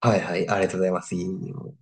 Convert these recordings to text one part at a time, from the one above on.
はいはい、ありがとうございます。いいよ。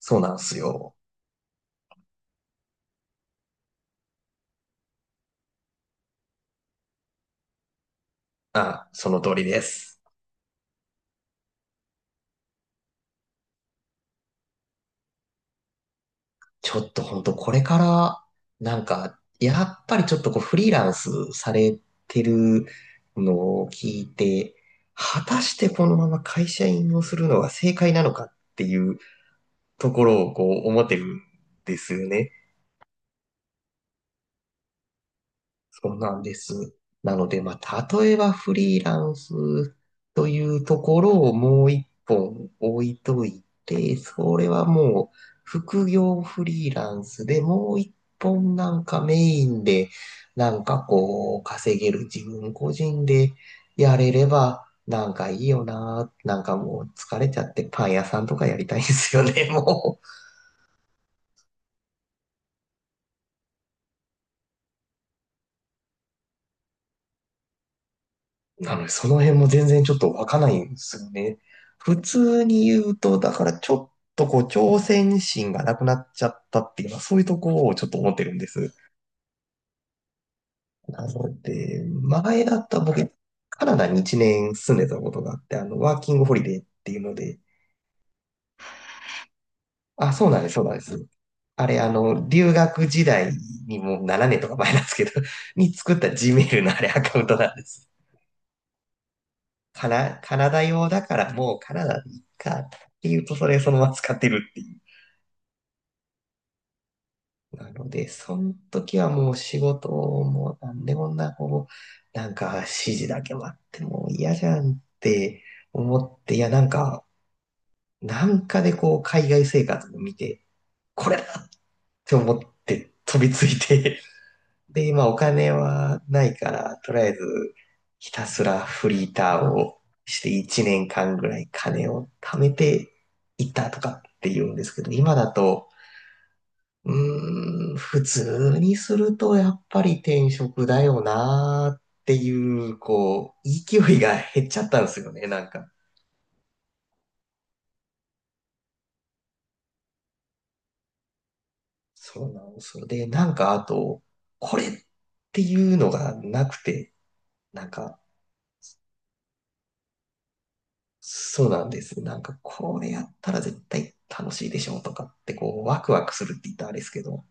そうなんすよ。あ、その通りです。ちょっと本当これから、やっぱりちょっとこうフリーランスされてるのを聞いて、果たしてこのまま会社員をするのが正解なのかっていうところをこう思ってるんですよね。そうなんです。なので、まあ、例えばフリーランスというところをもう一本置いといて、それはもう副業フリーランスでもう一本なんかメインで、なんかこう、稼げる自分個人でやれれば、なんかいいよな。なんかもう疲れちゃってパン屋さんとかやりたいんですよね、もう。なので、その辺も全然ちょっとわかんないんですよね。普通に言うと、だからちょっとこう、挑戦心がなくなっちゃったっていうのは、そういうところをちょっと思ってるんです。なので、前だったら僕、カナダに1年住んでたことがあって、ワーキングホリデーっていうので。あ、そうなんです、そうなんです。あれ、留学時代にもう7年とか前なんですけど、に作った Gmail のあれアカウントなんです。カナダ用だからもうカナダでいいかっていうとそれそのまま使ってるっていう。なので、その時はもう仕事もなんでこんなこう、なんか指示だけ待ってもう嫌じゃんって思って、いやなんか、なんかでこう海外生活を見て、これだって思って飛びついて。で、今お金はないから、とりあえずひたすらフリーターをして1年間ぐらい金を貯めていったとかって言うんですけど、今だと、普通にするとやっぱり転職だよなーっていう、こう、勢いが減っちゃったんですよね、なんか。そうなんですよ。で、なんかあと、これっていうのがなくて、なんか、そうなんです。なんか、これやったら絶対楽しいでしょうとかって、こう、ワクワクするって言ったらあれですけど、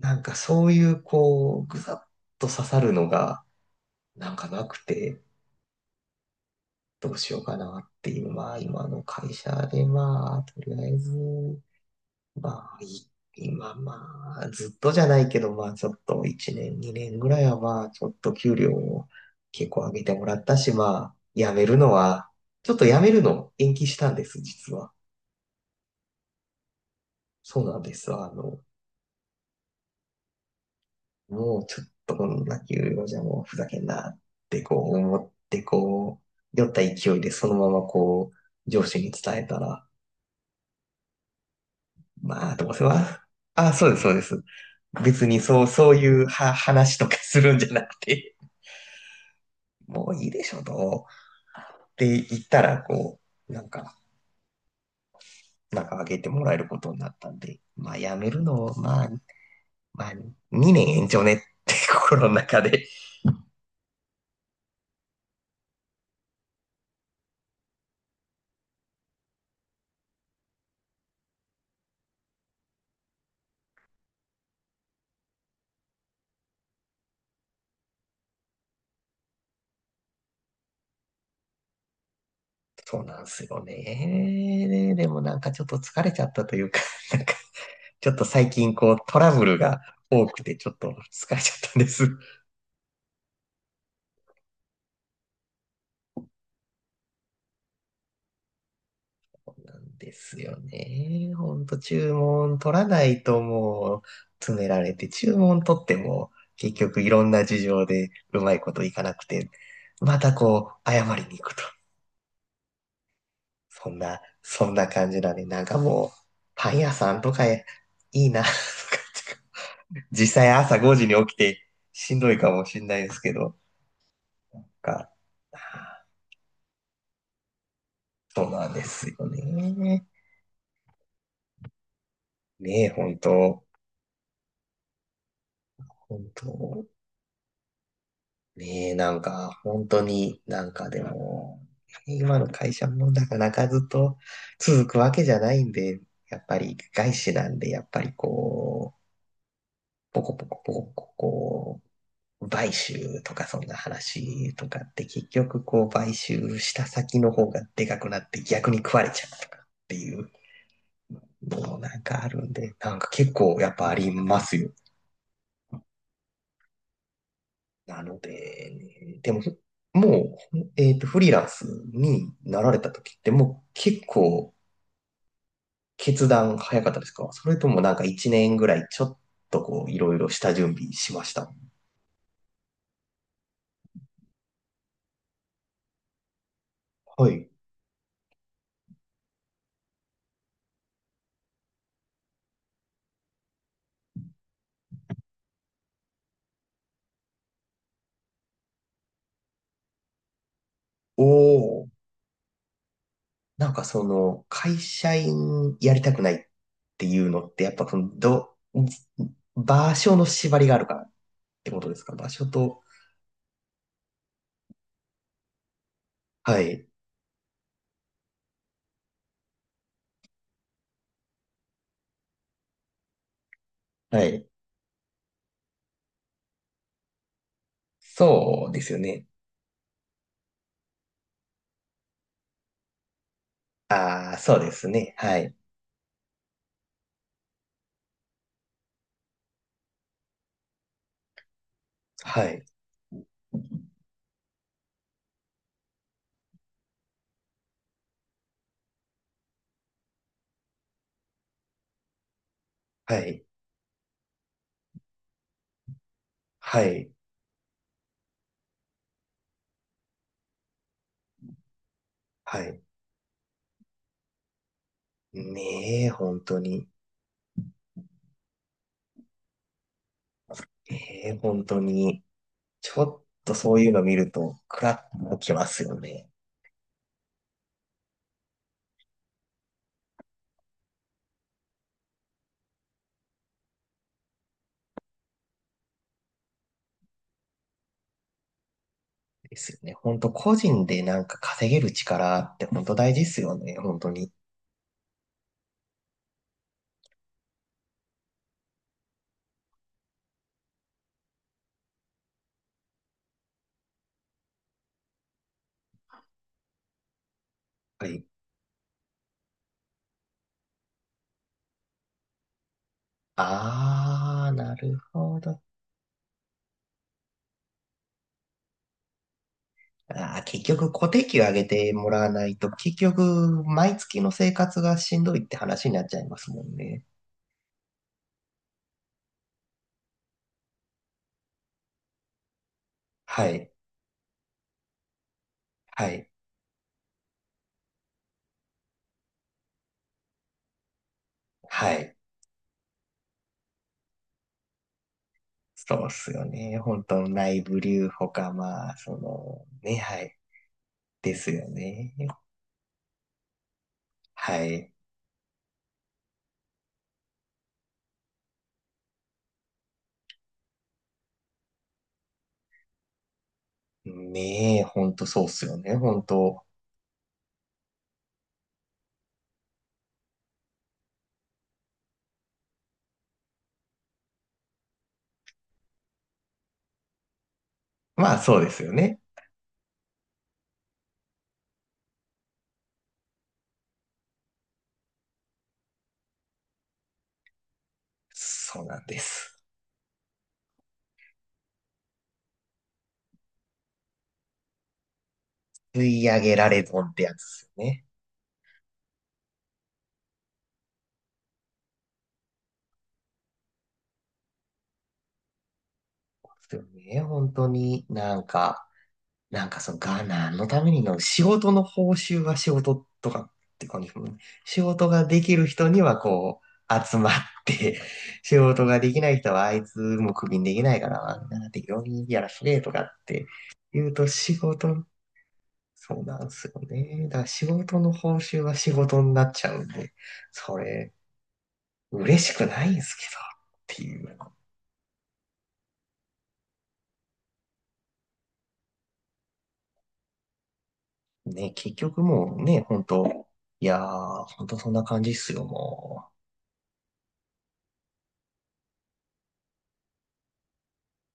なんかそういう、こう、ぐさっと刺さるのが、なんかなくて、どうしようかなっていう、まあ、今の会社で、まあ、とりあえず、まあ、い今、まあ、ずっとじゃないけど、まあ、ちょっと1年、2年ぐらいは、まあ、ちょっと給料を結構上げてもらったし、まあ、辞めるのは、ちょっと辞めるの延期したんです、実は。そうなんですわ。あの、もうちょっとこんな給料じゃもうふざけんなってこう思ってこう、酔った勢いでそのままこう、上司に伝えたら、まあ、どうせは、あ、そうです、そうです。別にそう、そういうは話とかするんじゃなくて、もういいでしょ、と。って言ったら、こう、なんか、なんかあげてもらえることになったんで、まあ、辞めるのを、まあ、まあ、2年延長ねって心の中で。そうなんですよね。でもなんかちょっと疲れちゃったというか、なんかちょっと最近こうトラブルが多くてちょっと疲れちゃったんです。なんですよね。ほんと注文取らないともう詰められて、注文取っても結局いろんな事情でうまいこといかなくて、またこう謝りに行くと。そんな感じだね。なんかもうパン屋さんとかいいなとか実際朝5時に起きてしんどいかもしれないですけど、か、そうなんですよね。ねえ、本当。本当ねえ、なんか、本当になんかでも、今の会社もなかなかずっと続くわけじゃないんで、やっぱり外資なんで、やっぱりこう、ポコポコポコポコこう、買収とかそんな話とかって結局こう買収した先の方がでかくなって逆に食われちゃうとかっていうのもなんかあるんで、なんか結構やっぱありますよ。なので、ね、でも、もう、えっと、フリーランスになられた時ってもう結構決断早かったですか？それともなんか1年ぐらいちょっとこういろいろ下準備しました？はい。おお。なんかその、会社員やりたくないっていうのって、やっぱその、ど、場所の縛りがあるからってことですか？場所と、はい、はい。そうですよね。ああ、そうですね。はい、はい、はい、はい、はい。ねえ、本当に。ねえ、本当に。ちょっとそういうの見ると、クラッときますよね。ですよね。本当個人でなんか稼げる力って本当大事ですよね。本当に。はい。ああ、なるほど。あー、結局固定給上げてもらわないと、結局、毎月の生活がしんどいって話になっちゃいますもんね。はい、はい、はい。そうっすよね。本当内部留保か、まあ、その、ね、はい。ですよね。はい。ねえ、本当そうっすよね。本当、まあ、そうですよね。そうなんです。吸い上げられ損ってやつですよね。ですよね。本当になんか、なんかそのが何のためにの、仕事の報酬は仕事とかって感じですもんね。仕事ができる人にはこう、集まって 仕事ができない人はあいつもクビにできないから、なんな適当にやらせてとかって言うと仕事、そうなんですよね。だから仕事の報酬は仕事になっちゃうんで、それ、嬉しくないんですけど、っていう。ね、結局もうね、本当いやー、本当そんな感じっすよ、もう。